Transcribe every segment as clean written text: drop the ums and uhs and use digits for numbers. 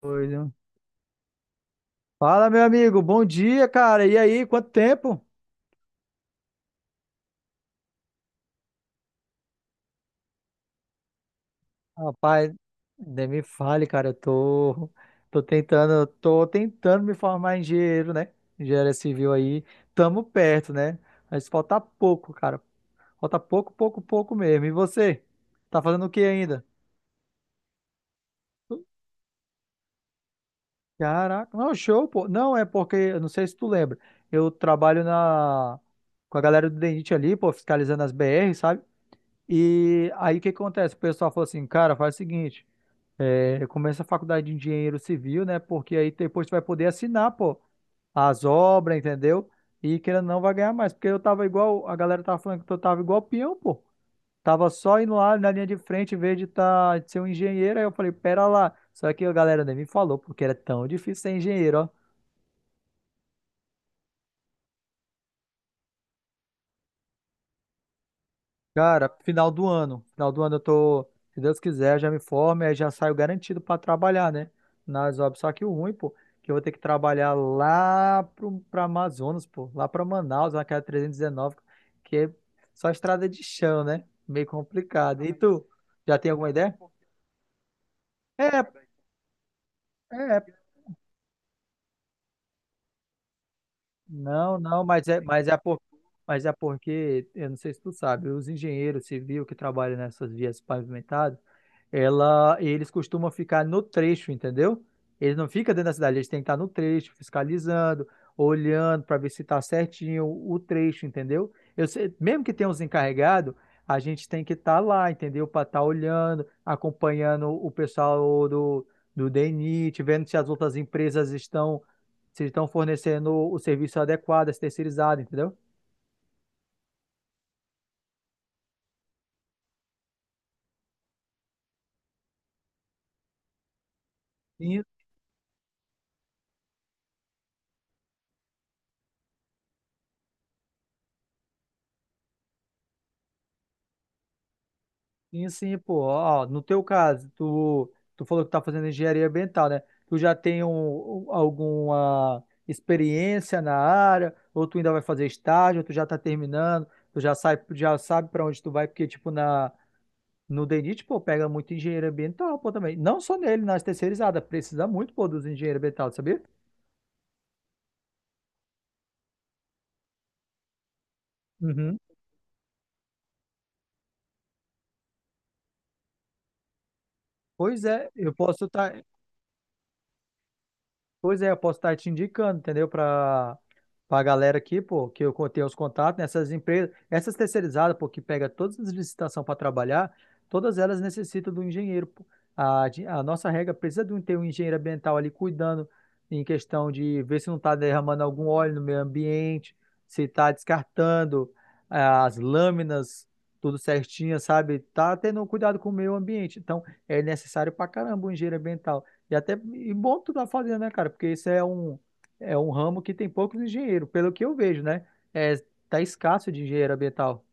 Coisa. Fala, meu amigo, bom dia, cara. E aí, quanto tempo? Rapaz, nem me fale, cara, tô tentando me formar em engenheiro, né? Engenharia civil aí, tamo perto, né? Mas falta pouco, cara. Falta pouco, pouco, pouco mesmo. E você? Tá fazendo o que ainda? Caraca, não, show, pô. Não, é porque, eu não sei se tu lembra, eu trabalho com a galera do DENIT ali, pô, fiscalizando as BR, sabe? E aí o que acontece? O pessoal falou assim, cara, faz o seguinte. Começa a faculdade de engenheiro civil, né? Porque aí depois tu vai poder assinar, pô, as obras, entendeu? E querendo ou não, vai ganhar mais. Porque eu tava igual, a galera tava falando que eu tava igual peão, pô. Tava só indo lá na linha de frente, em vez de ser um engenheiro. Aí eu falei, pera lá. Só que a galera nem me falou, porque era tão difícil ser engenheiro, ó. Cara, final do ano. Final do ano se Deus quiser, já me formo e aí já saio garantido pra trabalhar, né? Nas obras. Só que o ruim, pô, que eu vou ter que trabalhar lá pra Amazonas, pô, lá pra Manaus, naquela 319, que é só estrada de chão, né? Meio complicado. E tu, já tem alguma ideia? É, é. Não, não, mas é, mas é porque, eu não sei se tu sabe, os engenheiros civis que trabalham nessas vias pavimentadas, eles costumam ficar no trecho, entendeu? Eles não ficam dentro da cidade, eles têm que estar no trecho, fiscalizando, olhando para ver se está certinho o trecho, entendeu? Mesmo que tenha os encarregados, a gente tem que estar lá, entendeu? Para estar olhando, acompanhando o pessoal do DENIT, vendo se as outras empresas estão se estão fornecendo o serviço adequado, esse terceirizado, entendeu? Sim, sim, sim, pô. Ó, no teu caso, tu falou que tá fazendo engenharia ambiental, né? Tu já tem alguma experiência na área, ou tu ainda vai fazer estágio, ou tu já tá terminando, já sabe para onde tu vai, porque, tipo, no DENIT, pô, pega muito engenheiro ambiental, pô, também. Não só nele, nas terceirizadas, precisa muito, pô, dos engenheiros ambientais, sabia? Uhum. Pois é, eu posso estar. Pois é, eu posso estar te indicando, entendeu? Para a galera aqui, pô, que eu tenho os contatos nessas empresas, essas terceirizadas, pô, que pega todas as licitações para trabalhar, todas elas necessitam do engenheiro, pô. A nossa regra precisa ter um engenheiro ambiental ali cuidando em questão de ver se não está derramando algum óleo no meio ambiente, se está descartando as lâminas, tudo certinho, sabe? Tá tendo um cuidado com o meio ambiente. Então, é necessário pra caramba o engenheiro ambiental. E bom tu tá fazendo, né, cara? Porque isso é um ramo que tem poucos engenheiros, pelo que eu vejo, né? É, tá escasso de engenheiro ambiental.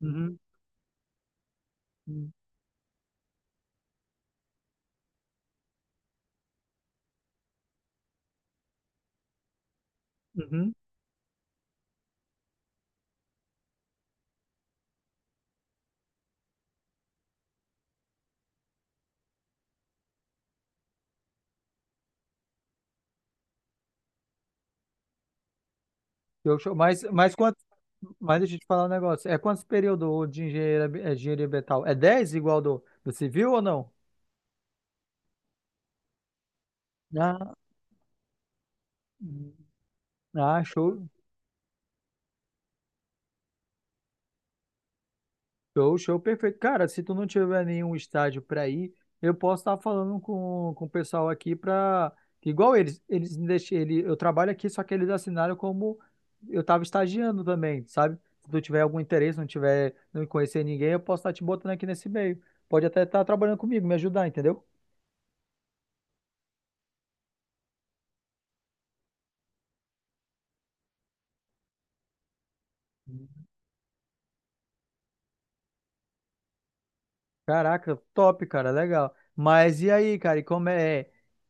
Uhum, uhum. Eu, acho- mas, quanto, mas deixa eu te falar um negócio. É quantos períodos de engenharia ambiental? É 10 igual do civil ou não? Ah, ah, show, show, show, perfeito. Cara, se tu não tiver nenhum estádio para ir, eu posso estar falando com o pessoal aqui para igual eles me deixam, eu trabalho aqui, só que eles assinaram como eu estava estagiando também, sabe? Se tu tiver algum interesse, não tiver, não conhecer ninguém, eu posso estar te botando aqui nesse meio. Pode até estar trabalhando comigo, me ajudar, entendeu? Caraca, top, cara, legal. Mas e aí, cara, e como é,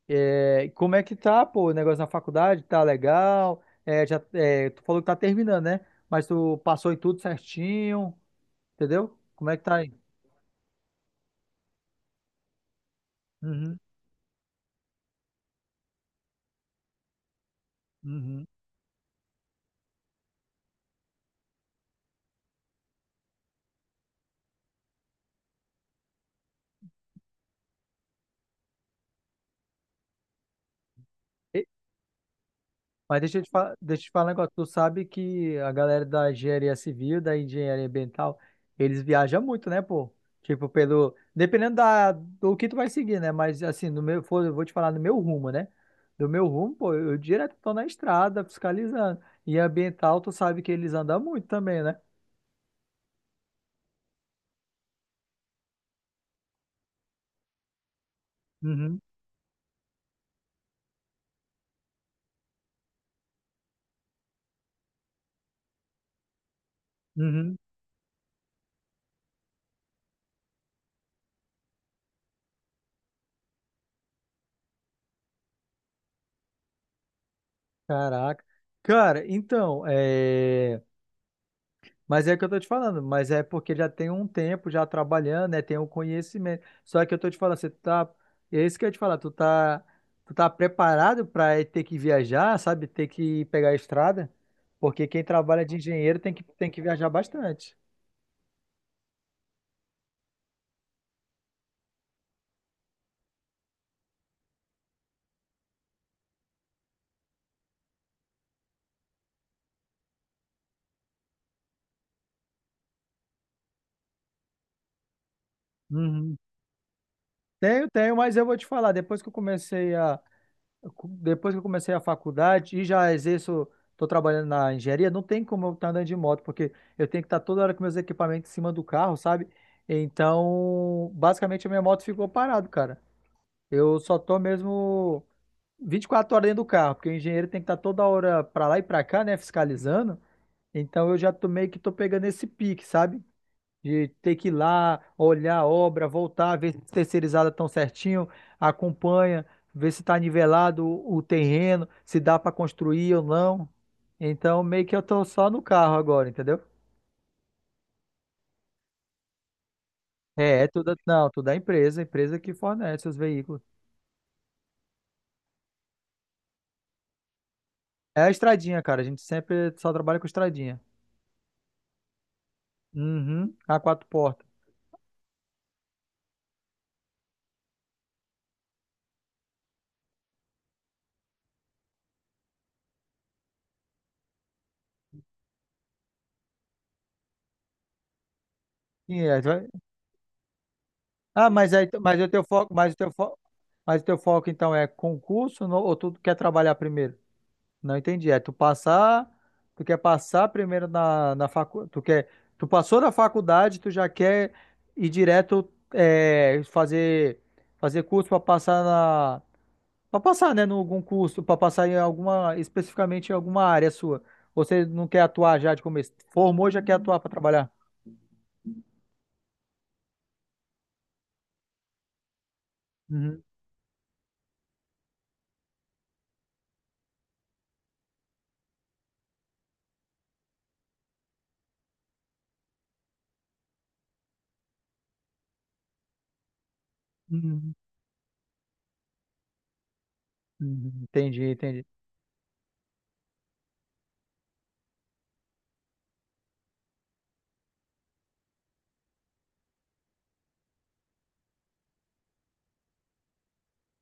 como é que tá, pô, o negócio na faculdade? Tá legal? Tu falou que tá terminando, né? Mas tu passou em tudo certinho, entendeu? Como é que tá aí? Uhum, uhum. Deixa eu te falar um negócio. Tu sabe que a galera da engenharia civil, da engenharia ambiental, eles viajam muito, né, pô? Tipo, pelo. dependendo do que tu vai seguir, né? Mas assim, no meu, for- eu vou te falar no meu rumo, né? Do meu rumo, pô, eu direto tô na estrada fiscalizando. E ambiental, tu sabe que eles andam muito também, né? Uhum, uhum. Caraca. Cara, então, é. Mas é o que eu tô te falando, mas é porque já tem um tempo já trabalhando, né? Tem um conhecimento. Só que eu tô te falando, você tá. É isso que eu ia te falar, tu tá preparado para ter que viajar, sabe? Ter que pegar a estrada? Porque quem trabalha de engenheiro tem que viajar bastante. Uhum. Tenho, tenho, mas eu vou te falar, depois que eu comecei a faculdade e já exerço, estou trabalhando na engenharia, não tem como eu estar andando de moto, porque eu tenho que estar toda hora com meus equipamentos em cima do carro, sabe? Então, basicamente, a minha moto ficou parada, cara. Eu só tô mesmo 24 horas dentro do carro, porque o engenheiro tem que estar toda hora para lá e para cá, né, fiscalizando. Então, eu já tô meio que tô pegando esse pique, sabe? De ter que ir lá, olhar a obra, voltar, ver se terceirizada tão certinho, acompanha, ver se está nivelado o terreno, se dá para construir ou não. Então, meio que eu tô só no carro agora, entendeu? É, é tudo, não, tudo é empresa que fornece os veículos. É a estradinha, cara, a gente sempre só trabalha com estradinha. Uhum, a quatro portas. Sim, é, ah, mas aí, mas o teu foco então é concurso ou tu quer trabalhar primeiro? Não entendi. Tu quer passar primeiro na faculdade, tu passou na faculdade, tu já quer ir direto fazer curso para passar na né, em algum curso, para passar em alguma especificamente em alguma área sua. Você não quer atuar já de começo. Formou, já quer atuar para trabalhar. Uhum, uhum, uhum. Entendi, entendi.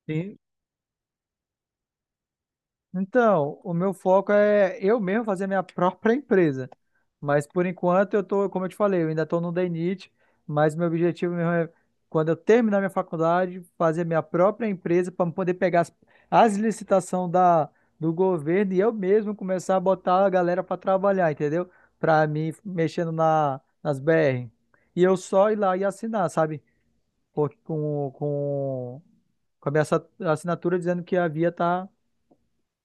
Sim, então, o meu foco é eu mesmo fazer minha própria empresa. Mas por enquanto como eu te falei, eu ainda estou no DNIT, mas meu objetivo mesmo é quando eu terminar minha faculdade, fazer minha própria empresa para poder pegar as licitações da do governo e eu mesmo começar a botar a galera para trabalhar, entendeu? Para mim mexendo na nas BR. E eu só ir lá e assinar, sabe? Por- Com com com a minha assinatura dizendo que a via tá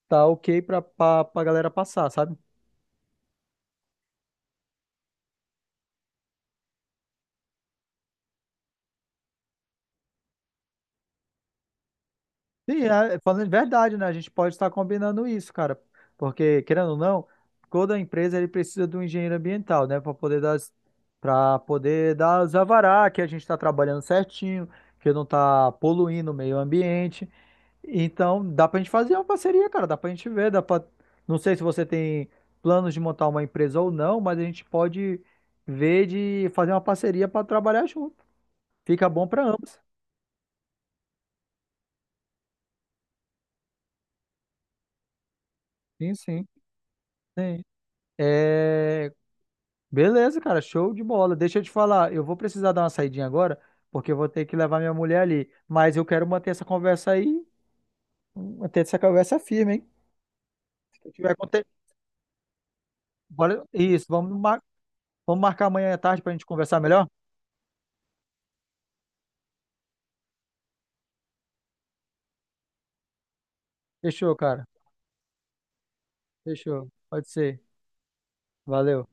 tá ok pra galera passar, sabe? Sim, é falando de verdade, né? A gente pode estar combinando isso, cara. Porque, querendo ou não, toda empresa ele precisa de um engenheiro ambiental, né? Para poder dar os alvará que a gente está trabalhando certinho, que não está poluindo o meio ambiente. Então, dá para a gente fazer uma parceria, cara. Dá para a gente ver, dá para. Não sei se você tem planos de montar uma empresa ou não, mas a gente pode ver de fazer uma parceria para trabalhar junto. Fica bom para ambos. Sim, sim. Sim. É. Beleza, cara, show de bola. Deixa eu te falar, eu vou precisar dar uma saidinha agora, porque eu vou ter que levar minha mulher ali. Mas eu quero manter essa conversa aí, manter essa conversa firme, hein? Se tiver conte- Bora. Isso, vamos marcar amanhã à tarde pra gente conversar melhor? Fechou, cara. Fechou. Pode ser. Valeu.